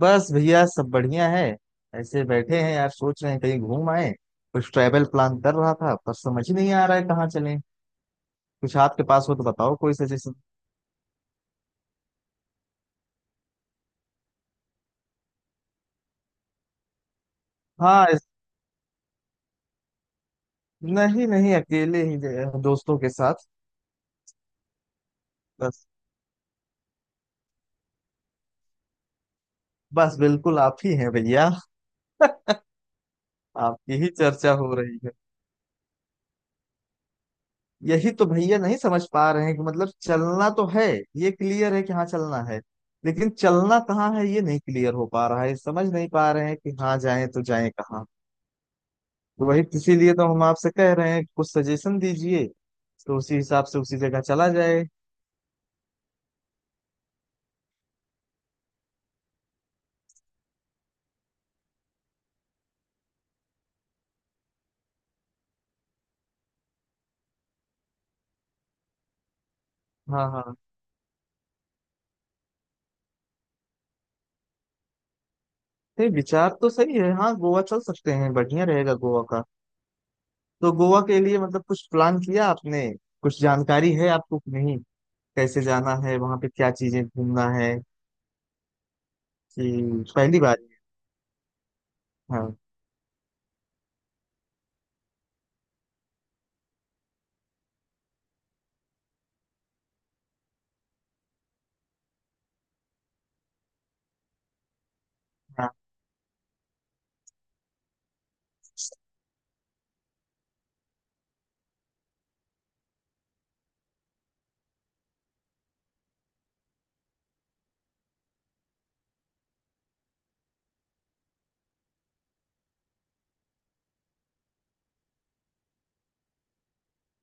बस भैया सब बढ़िया है। ऐसे बैठे हैं यार, सोच रहे हैं कहीं घूम आए। कुछ ट्रैवल प्लान कर रहा था पर समझ ही नहीं आ रहा है कहाँ चलें। कुछ आपके पास हो तो बताओ कोई सजेशन। हाँ नहीं नहीं, अकेले ही दोस्तों के साथ। बस। बस बिल्कुल आप ही हैं भैया। आपकी ही चर्चा हो रही है। यही तो भैया नहीं समझ पा रहे हैं कि मतलब चलना तो है। ये क्लियर है कि हाँ चलना है। लेकिन चलना कहाँ है ये नहीं क्लियर हो पा रहा है, समझ नहीं पा रहे हैं कि हाँ जाएं तो जाएं कहाँ। तो वही, इसीलिए तो हम आपसे कह रहे हैं कि कुछ सजेशन दीजिए। तो उसी हिसाब से उसी जगह चला जाए। हाँ हाँ। नहीं, विचार तो सही है, हाँ गोवा चल सकते हैं, बढ़िया रहेगा गोवा का। तो गोवा के लिए मतलब कुछ प्लान किया आपने? कुछ जानकारी है आपको कि नहीं? कैसे जाना है, वहां पे क्या चीजें घूमना है? कि पहली बार। हाँ हाँ।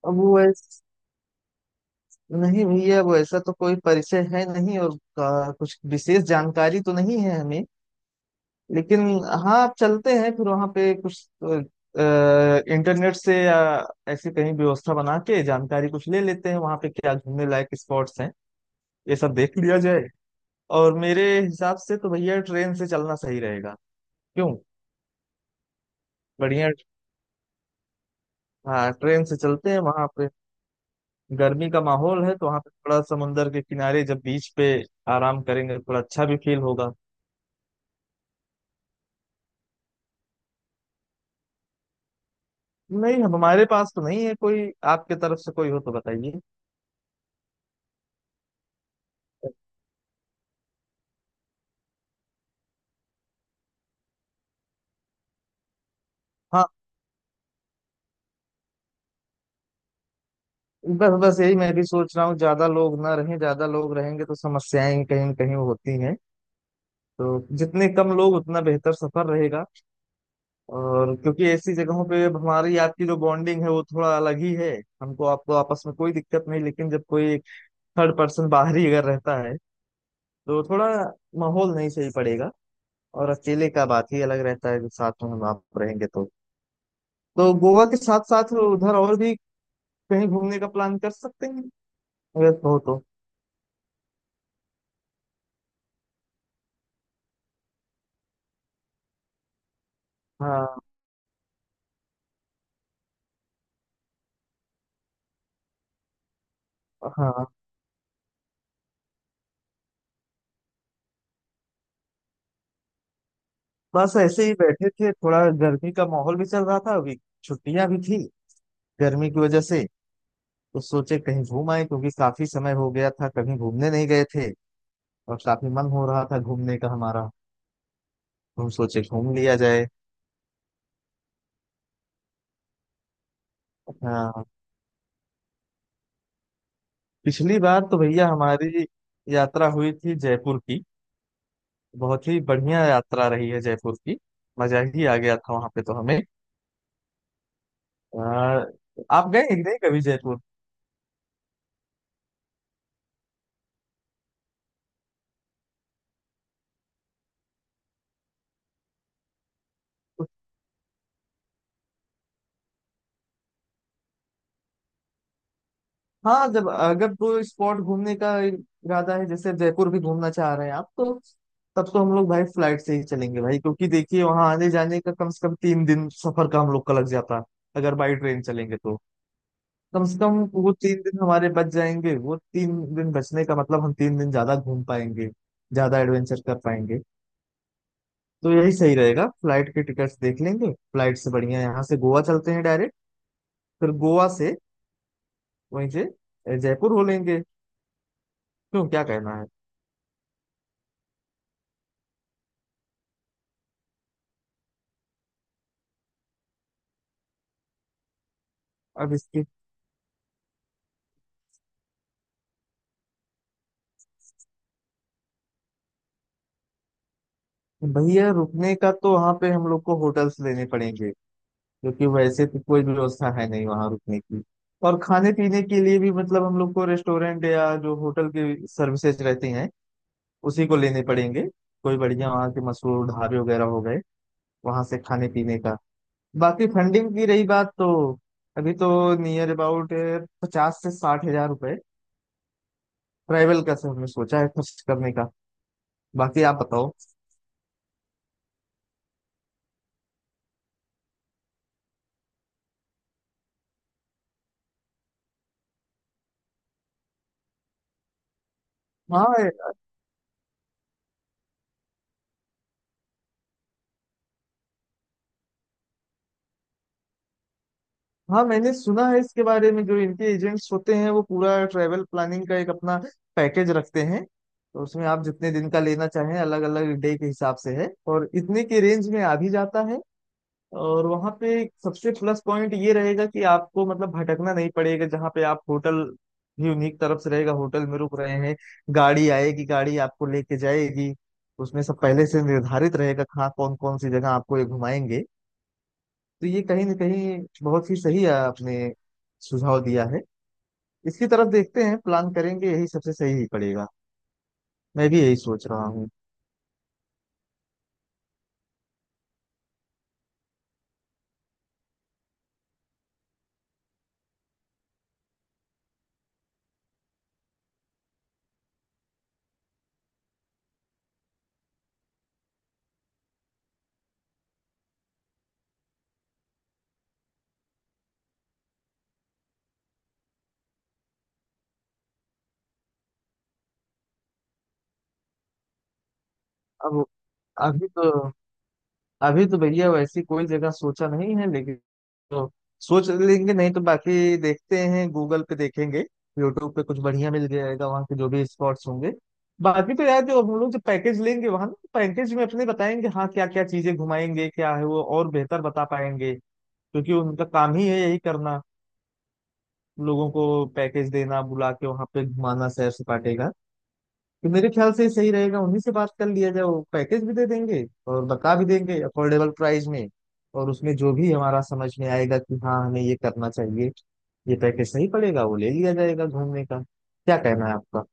अब वो ऐस- नहीं भैया वो ऐसा तो कोई परिचय है नहीं, और कुछ विशेष जानकारी तो नहीं है हमें। लेकिन हाँ आप चलते हैं फिर वहां पे कुछ इंटरनेट से या ऐसी कहीं व्यवस्था बना के जानकारी कुछ ले लेते हैं वहां पे क्या घूमने लायक स्पॉट्स हैं। ये सब देख लिया जाए। और मेरे हिसाब से तो भैया ट्रेन से चलना सही रहेगा। क्यों। बढ़िया। हाँ ट्रेन से चलते हैं वहां पे। गर्मी का माहौल है तो वहां पे थोड़ा समुंदर के किनारे जब बीच पे आराम करेंगे तो थोड़ा अच्छा भी फील होगा। नहीं हमारे पास तो नहीं है कोई, आपके तरफ से कोई हो तो बताइए। हाँ। बस बस यही मैं भी सोच रहा हूँ, ज्यादा लोग ना रहें, ज्यादा लोग रहेंगे तो समस्याएं कहीं न कहीं होती हैं। तो जितने कम लोग उतना बेहतर सफर रहेगा। और क्योंकि ऐसी जगहों पे अब हमारी आपकी जो बॉन्डिंग है वो थोड़ा अलग ही है। हमको आपको आपस में कोई दिक्कत नहीं, लेकिन जब कोई थर्ड पर्सन बाहरी अगर रहता है तो थोड़ा माहौल नहीं सही पड़ेगा। और अकेले का बात ही अलग रहता है, जब साथ में हम आप रहेंगे तो। तो गोवा के साथ साथ उधर और भी कहीं घूमने का प्लान कर सकते हैं, अगर कहो तो। हाँ हाँ। बस ऐसे ही बैठे थे, थोड़ा गर्मी का माहौल भी चल रहा था अभी, छुट्टियां भी थी गर्मी की वजह से। तो सोचे कहीं घूम आए, क्योंकि काफी समय हो गया था कभी घूमने नहीं गए थे। और काफी मन हो रहा था घूमने का हमारा। तो हम सोचे घूम लिया जाए। हाँ। पिछली बार तो भैया हमारी यात्रा हुई थी जयपुर की। बहुत ही बढ़िया यात्रा रही है जयपुर की। मजा ही आ गया था वहां पे तो हमें। आ, आप गए कि नहीं कभी जयपुर? हाँ, जब अगर कोई स्पॉट घूमने का इरादा है, जैसे जयपुर भी घूमना चाह रहे हैं आप तो तब तो हम लोग भाई फ्लाइट से ही चलेंगे भाई, क्योंकि देखिए वहां आने जाने का कम से कम 3 दिन सफर का हम लोग का लग जाता है। अगर बाई ट्रेन चलेंगे तो कम से कम वो 3 दिन हमारे बच जाएंगे, वो 3 दिन बचने का मतलब हम 3 दिन ज्यादा घूम पाएंगे, ज्यादा एडवेंचर कर पाएंगे। तो यही सही रहेगा, फ्लाइट के टिकट्स देख लेंगे, फ्लाइट से बढ़िया यहाँ से गोवा चलते हैं डायरेक्ट। फिर गोवा से वहीं से जयपुर हो लेंगे। क्यों, क्या कहना है? अब इसकी। भैया रुकने का तो वहाँ पे हम लोग को होटल्स लेने पड़ेंगे, क्योंकि वैसे तो कोई व्यवस्था है नहीं वहाँ रुकने की। और खाने पीने के लिए भी मतलब हम लोग को रेस्टोरेंट या जो होटल की सर्विसेज रहती हैं उसी को लेने पड़ेंगे। कोई बढ़िया वहाँ के मशहूर ढाबे वगैरह हो गए वहाँ से खाने पीने का। बाकी फंडिंग की रही बात तो अभी तो नियर अबाउट 50 से 60 हजार रुपए ट्रैवल का से हमने सोचा है खर्च करने का। बाकी आप बताओ। हाँ। हाँ मैंने सुना है इसके बारे में, जो इनके एजेंट्स होते हैं वो पूरा ट्रैवल प्लानिंग का एक अपना पैकेज रखते हैं, तो उसमें आप जितने दिन का लेना चाहें अलग अलग डे के हिसाब से है। और इतने के रेंज में आ भी जाता है। और वहाँ पे एक सबसे प्लस पॉइंट ये रहेगा कि आपको मतलब भटकना नहीं पड़ेगा, जहाँ पे आप होटल भी उन्हीं की तरफ से रहेगा, होटल में रुक रहे हैं। गाड़ी आएगी, गाड़ी आपको लेके जाएगी। उसमें सब पहले से निर्धारित रहेगा कहाँ कौन कौन सी जगह आपको ये घुमाएंगे। तो ये कहीं ना कहीं बहुत ही सही आपने सुझाव दिया है। इसकी तरफ देखते हैं, प्लान करेंगे, यही सबसे सही ही पड़ेगा। मैं भी यही सोच रहा हूँ। अब। अभी तो अभी तो भैया वैसी कोई जगह सोचा नहीं है, लेकिन तो सोच लेंगे, नहीं तो बाकी देखते हैं, गूगल पे देखेंगे। यूट्यूब पे कुछ बढ़िया मिल जाएगा वहाँ के जो भी स्पॉट्स होंगे। बाकी तो यार, जो हम लोग जो पैकेज लेंगे वहाँ ना, पैकेज में अपने बताएंगे हाँ क्या क्या चीजें घुमाएंगे क्या है, वो और बेहतर बता पाएंगे। क्योंकि उनका काम ही है यही करना, लोगों को पैकेज देना, बुला के वहां पे घुमाना सैर सपाटे का। तो मेरे ख्याल से सही रहेगा उन्हीं से बात कर लिया जाए, वो पैकेज भी दे देंगे और बता भी देंगे अफोर्डेबल प्राइस में। और उसमें जो भी हमारा समझ में आएगा कि हाँ हमें ये करना चाहिए, ये पैकेज सही पड़ेगा, वो ले लिया जाएगा घूमने का। क्या कहना है आपका?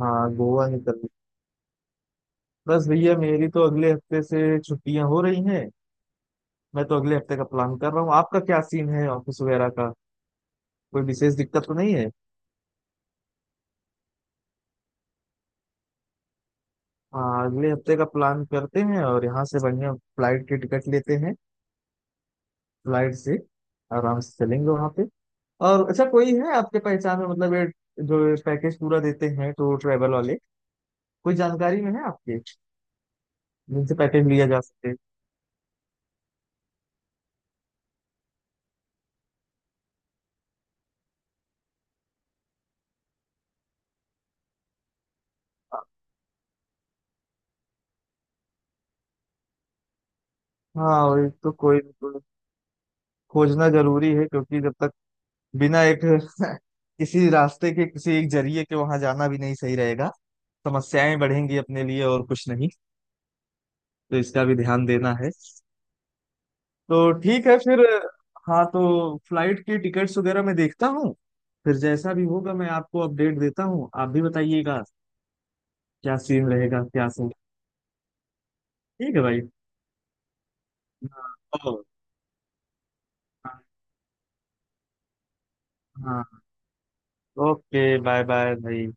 हाँ गोवा निकल। बस भैया मेरी तो अगले हफ्ते से छुट्टियां हो रही हैं। मैं तो अगले हफ्ते का प्लान कर रहा हूँ, आपका क्या सीन है ऑफिस वगैरह का? कोई विशेष दिक्कत तो नहीं है? हाँ अगले हफ्ते का प्लान करते हैं और यहाँ से बढ़िया फ्लाइट की टिकट लेते हैं। फ्लाइट से आराम से चलेंगे वहाँ पे। और अच्छा, कोई है आपके पहचान में मतलब ये जो पैकेज पूरा देते हैं टूर ट्रैवल वाले? कोई जानकारी में है आपके, जिनसे पैकेज लिया जा सके? हाँ वही तो, कोई कोई खोजना जरूरी है, क्योंकि जब तक बिना एक किसी रास्ते के, किसी एक जरिए के वहां जाना भी नहीं सही रहेगा। समस्याएं बढ़ेंगी अपने लिए और कुछ नहीं। तो इसका भी ध्यान देना है। तो ठीक है फिर। हाँ तो फ्लाइट की टिकट्स वगैरह मैं देखता हूँ, फिर जैसा भी होगा मैं आपको अपडेट देता हूँ, आप भी बताइएगा क्या सीन रहेगा, क्या सीन। ठीक है भाई। हाँ ओ- हाँ ओके, बाय बाय भाई।